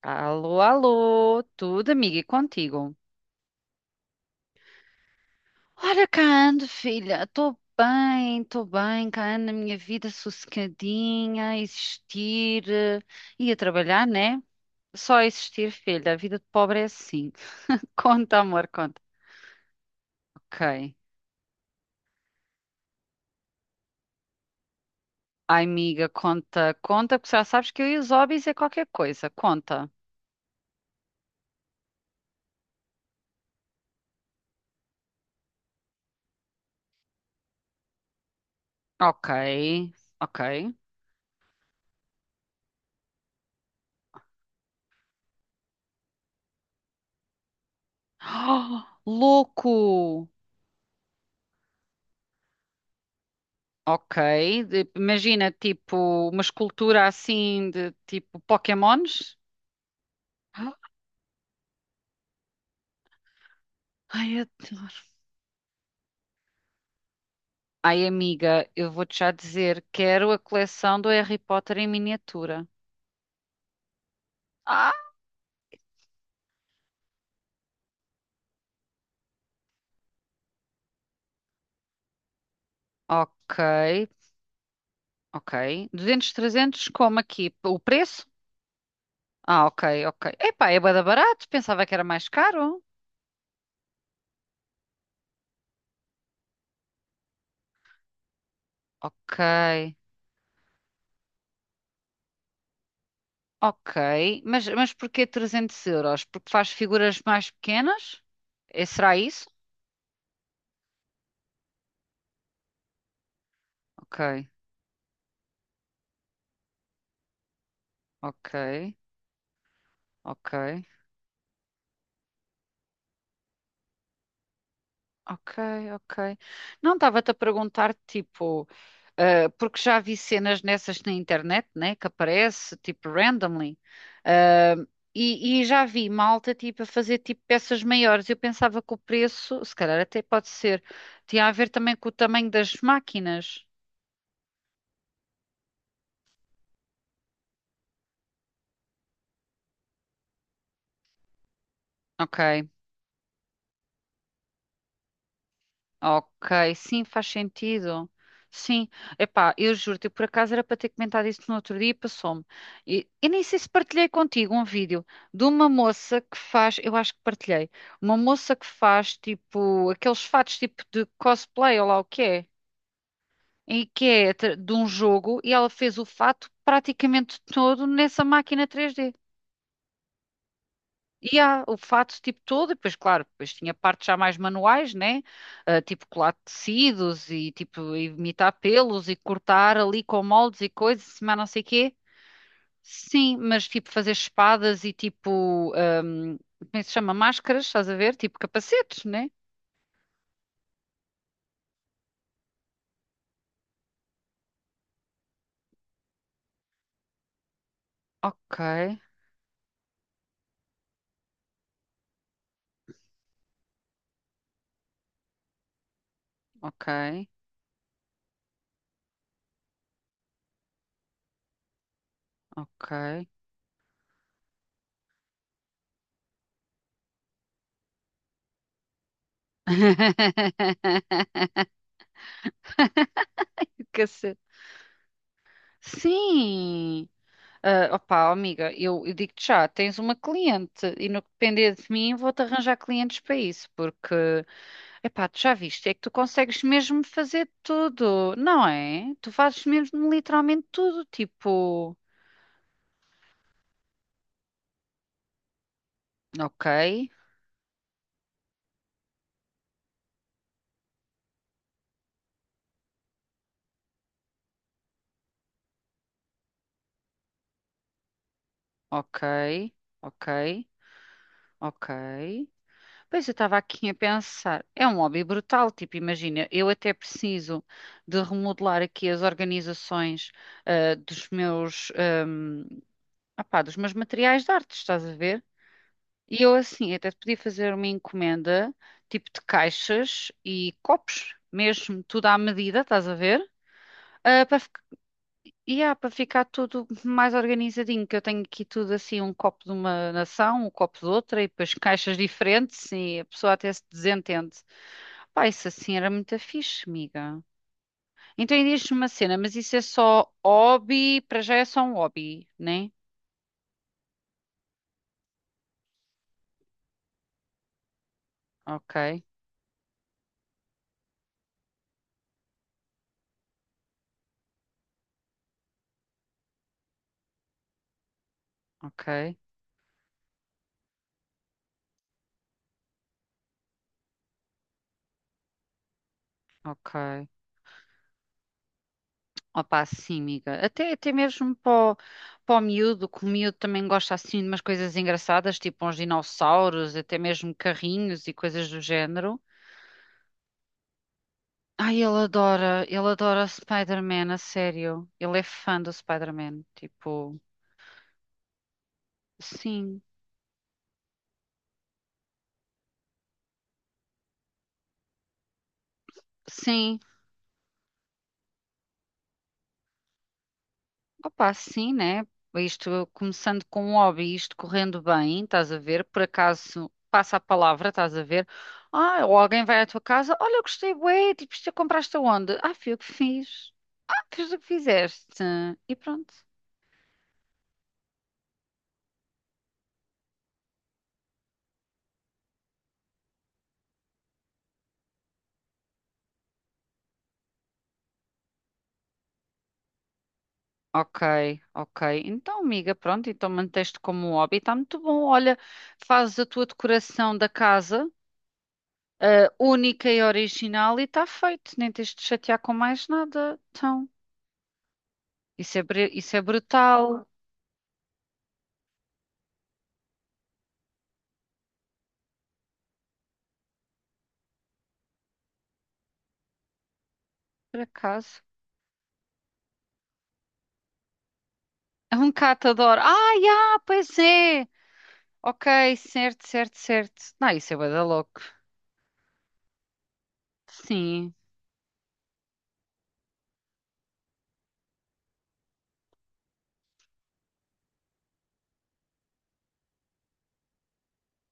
Alô, alô, tudo amiga e contigo? Ora, cá ando, filha, estou bem, cá ando na minha vida sossegadinha, a existir e a trabalhar, né? Só a existir, filha, a vida de pobre é assim. Conta, amor, conta. Ok. Ai, amiga, conta, conta, porque já sabes que eu e os hobbies é qualquer coisa, conta. Ok, ok. Louco! Ok, imagina tipo uma escultura assim de tipo Pokémons. Ah, ai, adoro. Ai, amiga, eu vou-te já dizer, quero a coleção do Harry Potter em miniatura. Ah, ok, ok. 200, 300, como aqui? O preço? Ah, ok, ok. Epá, é bué da barato, pensava que era mais caro. Ok, ok. Mas porquê 300 euros? Porque faz figuras mais pequenas? É, será isso? Ok, ok. Ok, ok, ok. Não estava-te a perguntar, tipo, porque já vi cenas nessas na internet, né, que aparece, tipo, randomly, eh, e já vi malta, tipo, a fazer, tipo, peças maiores. Eu pensava que o preço, se calhar até pode ser, tinha a ver também com o tamanho das máquinas. Ok, ok, sim, faz sentido. Sim, epá, eu juro-te, eu por acaso era para ter comentado isso no outro dia e passou-me. E nem sei se partilhei contigo um vídeo de uma moça que faz, eu acho que partilhei, uma moça que faz tipo aqueles fatos tipo de cosplay ou lá o que é, e que é de um jogo e ela fez o fato praticamente todo nessa máquina 3D. E há o fato tipo todo, e depois, claro, depois tinha partes já mais manuais, né? Ah, tipo colar tecidos e tipo imitar pelos e cortar ali com moldes e coisas, mas não sei quê. Sim, mas tipo fazer espadas e tipo, como é que se chama? Máscaras, estás a ver? Tipo capacetes, né? Ok, ok, ok. Cacete. Sim, ah, opá, amiga, eu digo-te já, tens uma cliente e no que depender de mim vou-te arranjar clientes para isso, porque, epá, tu já viste, é que tu consegues mesmo fazer tudo, não é? Tu fazes mesmo literalmente tudo, tipo, ok, ok, ok, ok. Pois eu estava aqui a pensar, é um hobby brutal, tipo, imagina, eu até preciso de remodelar aqui as organizações dos meus. Ah pá, dos meus materiais de arte, estás a ver? E eu assim, até te podia fazer uma encomenda, tipo de caixas e copos, mesmo tudo à medida, estás a ver? Ah, para fic- e há, para ficar tudo mais organizadinho, que eu tenho aqui tudo assim, um copo de uma nação, um copo de outra, e depois caixas diferentes, e a pessoa até se desentende. Pá, isso assim era muito fixe, amiga. Então e diz-me uma cena, mas isso é só hobby, para já é só um hobby, né? Ok, ok, ok. Opa, sim, amiga. Até mesmo para o, para o miúdo, que o miúdo também gosta assim de umas coisas engraçadas, tipo uns dinossauros, até mesmo carrinhos e coisas do género. Ai, ele adora Spider-Man, a sério. Ele é fã do Spider-Man. Tipo, sim, sim, opa, sim, né? Isto começando com um hobby, isto correndo bem, estás a ver? Por acaso passa a palavra, estás a ver? Ah, ou alguém vai à tua casa, olha, eu gostei, bué, tipo, isto compraste aonde? Ah, fui eu que fiz. Ah, fiz o que fizeste. E pronto. Ok, ok. Então, amiga, pronto, então manteste como um hobby, está muito bom. Olha, fazes a tua decoração da casa, única e original, e está feito. Nem tens de te chatear com mais nada. Então, isso é brutal. Por acaso. É um catador. Ah, já, pois é. Ok, certo, certo, certo. Não, isso é bué da louco. Sim.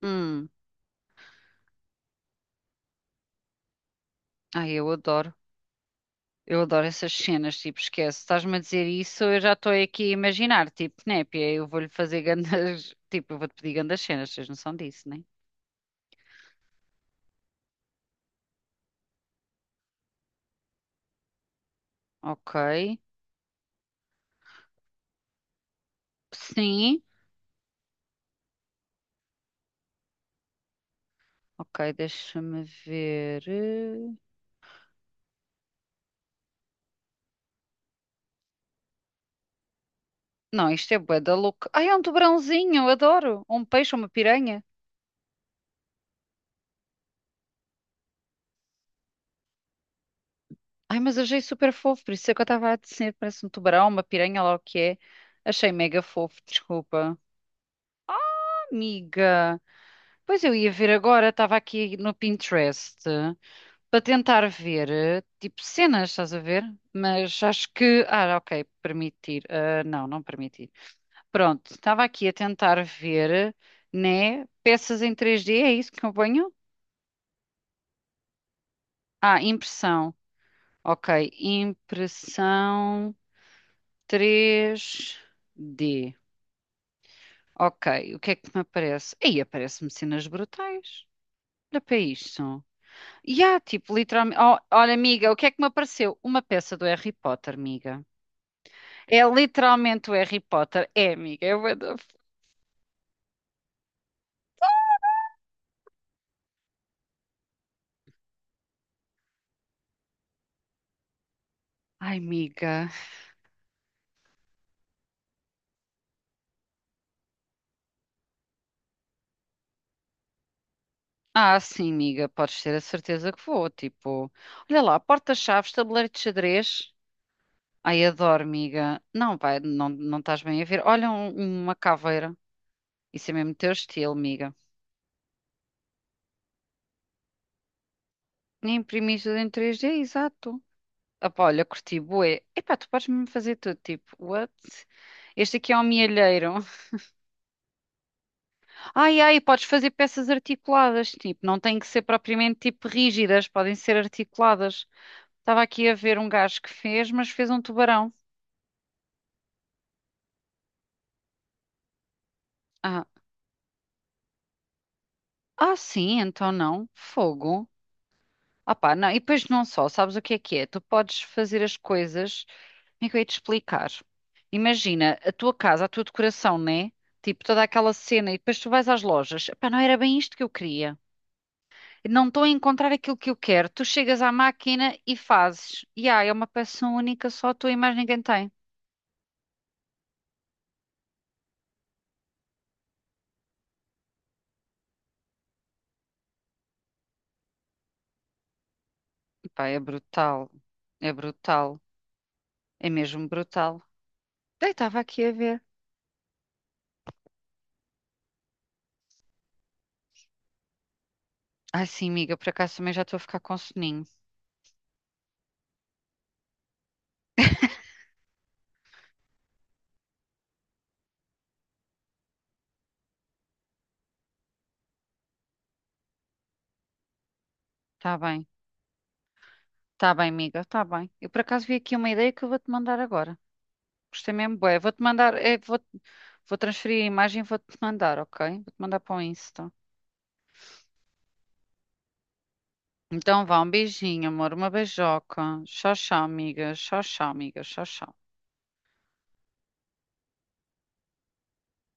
Hum. Ai, eu adoro. Eu adoro essas cenas, tipo, esquece. Estás-me a dizer isso, eu já estou aqui a imaginar, tipo, népia, eu vou-lhe fazer grandes... Tipo, eu vou-te pedir grandes cenas, tens noção disso, né? Ok. Sim. Ok, deixa-me ver. Não, isto é bué da louco. Ai, é um tubarãozinho, eu adoro. Um peixe, uma piranha. Ai, mas achei super fofo, por isso é que eu estava a dizer, parece um tubarão, uma piranha, lá o que é. Achei mega fofo, desculpa. Amiga, pois eu ia ver agora, estava aqui no Pinterest para tentar ver, tipo, cenas, estás a ver? Mas acho que, ah, ok, permitir, ah, não, não permitir. Pronto, estava aqui a tentar ver, né, peças em 3D é isso que eu ponho? Ah, impressão, ok, impressão 3D. Ok, o que é que me aparece? Aí aparece-me cenas brutais. Olha para isto. E há, tipo, literalmente. Oh, olha, amiga, o que é que me apareceu? Uma peça do Harry Potter, amiga. É literalmente o Harry Potter. É, amiga. É bué da. Ai, amiga. Ah, sim, amiga. Podes ter a certeza que vou. Tipo, olha lá, porta-chaves, tabuleiro de xadrez. Ai, adoro, amiga. Não, vai, não, não estás bem a ver. Olha uma caveira. Isso é mesmo teu estilo, amiga. Nem imprimiste em 3D, exato. Opa, olha, curti, bué. Epá, tu podes-me fazer tudo, tipo, what? Este aqui é um mielheiro. Ai, ai, podes fazer peças articuladas, tipo, não têm que ser propriamente, tipo, rígidas, podem ser articuladas. Estava aqui a ver um gajo que fez, mas fez um tubarão. Ah, ah, sim, então não. Fogo. Ah pá, não, e depois não só, sabes o que é que é? Tu podes fazer as coisas, como é que eu ia te explicar? Imagina, a tua casa, a tua decoração, né? Tipo, toda aquela cena, e depois tu vais às lojas, pá, não era bem isto que eu queria. Não estou a encontrar aquilo que eu quero. Tu chegas à máquina e fazes. E é uma peça única, só a tua e mais ninguém tem. Pá, é brutal, é brutal, é mesmo brutal. Daí estava aqui a ver. Ai sim, amiga, por acaso também já estou a ficar com soninho. Tá bem. Tá bem, amiga, tá bem. Eu por acaso vi aqui uma ideia que eu vou-te mandar agora. Gostei mesmo, bué. Vou-te mandar, é, vou transferir a imagem e vou-te mandar, ok? Vou-te mandar para o Insta. Então vá, um beijinho, amor, uma beijoca. Tchau, tchau, amiga. Tchau, tchau, amiga. Tchau, tchau.